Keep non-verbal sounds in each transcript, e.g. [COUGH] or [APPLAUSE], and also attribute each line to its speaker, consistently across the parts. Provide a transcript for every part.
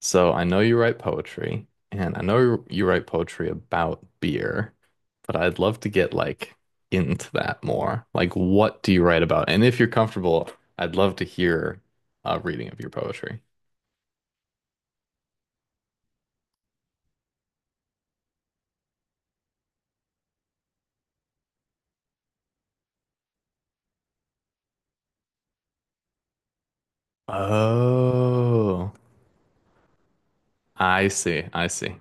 Speaker 1: So I know you write poetry, and I know you write poetry about beer, but I'd love to get into that more. Like, what do you write about? And if you're comfortable, I'd love to hear a reading of your poetry. Oh, I see. I see.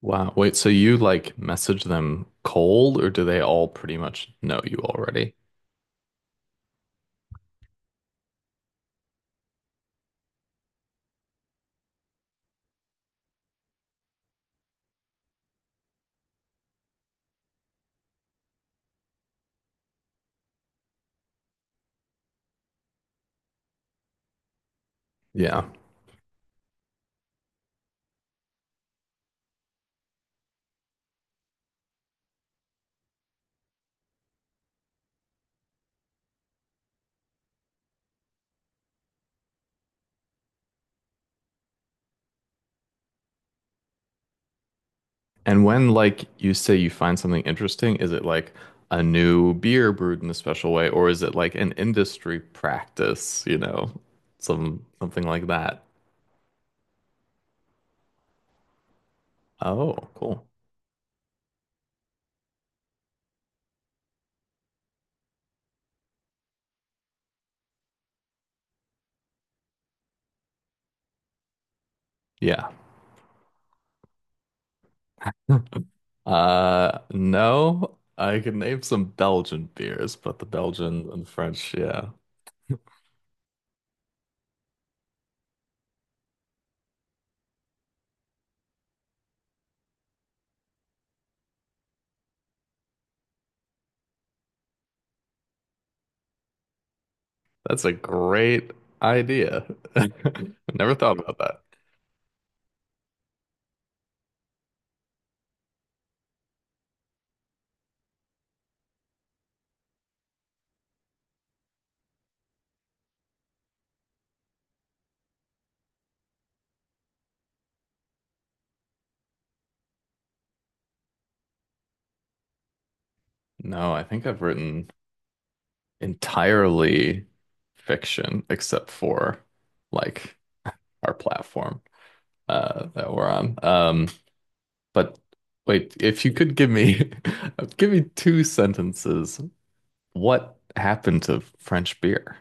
Speaker 1: Wow. Wait, so you like message them cold, or do they all pretty much know you already? Yeah. And when, like, you say you find something interesting, is it like a new beer brewed in a special way, or is it like an industry practice, you know, something like that? Oh, cool. Yeah. [LAUGHS] No, I can name some Belgian beers, but the Belgian and French, yeah. That's a great idea. [LAUGHS] Never thought about that. No, I think I've written entirely fiction except for like our platform that we're on. But wait, if you could give me [LAUGHS] give me two sentences, what happened to French beer?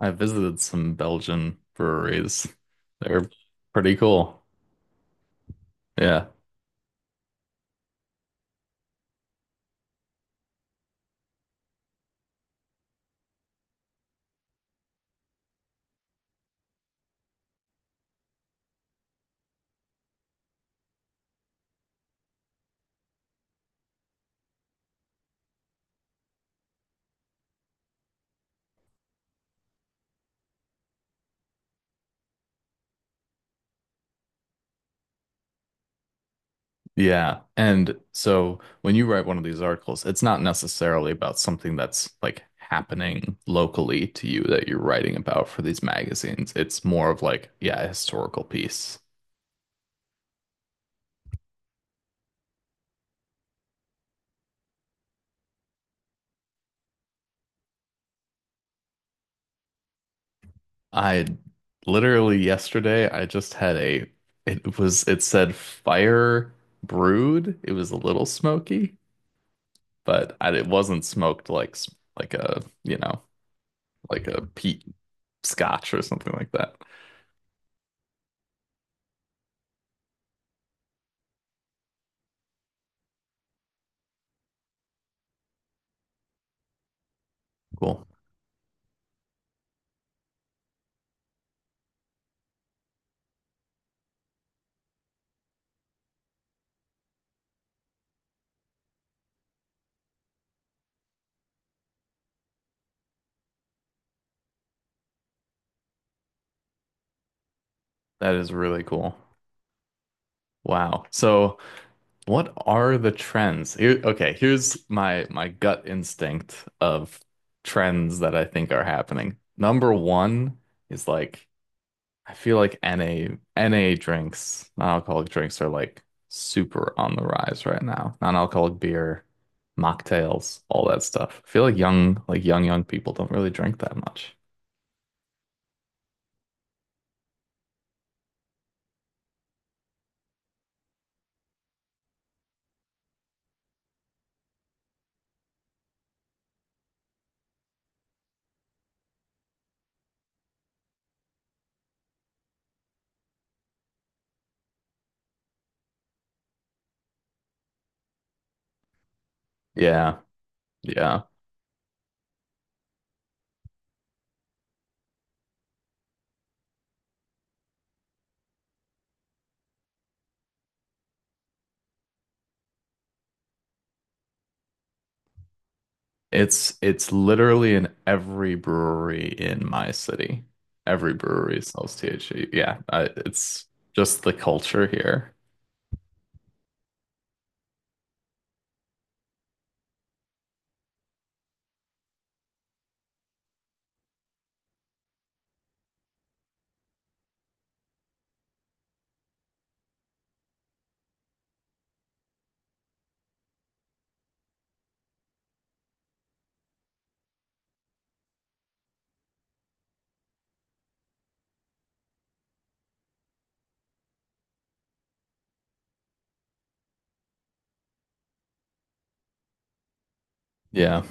Speaker 1: I visited some Belgian breweries. They're pretty cool. Yeah. Yeah. And so when you write one of these articles, it's not necessarily about something that's like happening locally to you that you're writing about for these magazines. It's more of like, yeah, a historical piece. I literally yesterday I just had a it said fire brewed. It was a little smoky, but it wasn't smoked like a, you know, like a peat scotch or something like that. Cool. That is really cool. Wow. So, what are the trends? Here, okay, here's my gut instinct of trends that I think are happening. Number one is like I feel like NA drinks, non-alcoholic drinks are like super on the rise right now. Non-alcoholic beer, mocktails, all that stuff. I feel like young young people don't really drink that much. Yeah. Yeah. It's literally in every brewery in my city. Every brewery sells THC. Yeah, it's just the culture here. Yeah.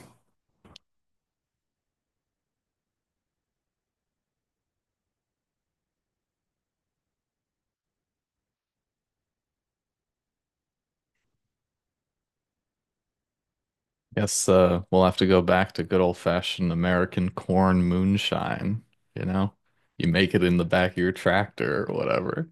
Speaker 1: Guess we'll have to go back to good old-fashioned American corn moonshine, you know? You make it in the back of your tractor or whatever.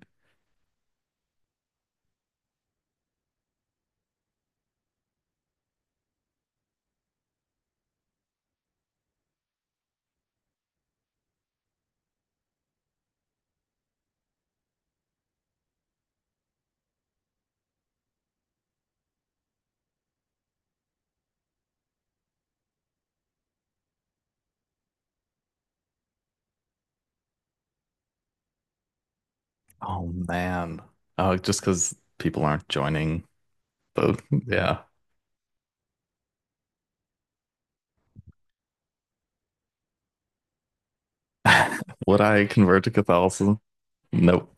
Speaker 1: Oh man. Oh, just because people aren't joining the yeah. [LAUGHS] Would I convert to Catholicism? Nope.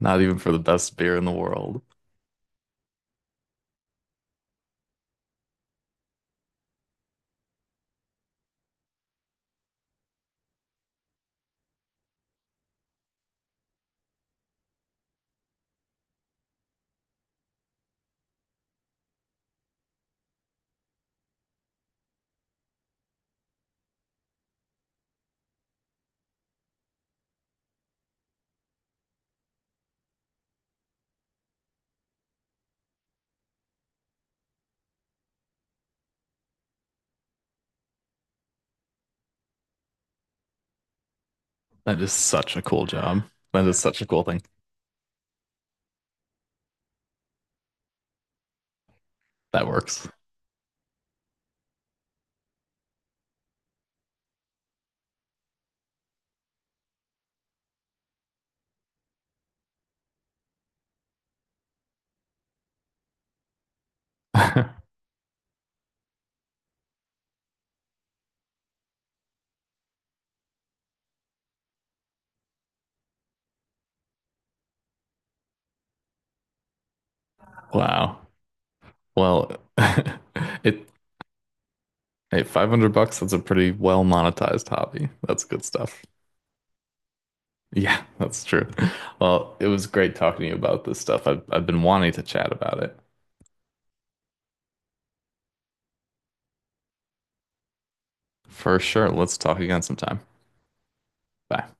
Speaker 1: Not even for the best beer in the world. That is such a cool job. That is such a cool thing. That works. [LAUGHS] Wow. Well, [LAUGHS] it hey, 500 bucks, that's a pretty well monetized hobby. That's good stuff. Yeah, [LAUGHS] that's true. Well, it was great talking to you about this stuff. I've been wanting to chat about it. For sure. Let's talk again sometime. Bye.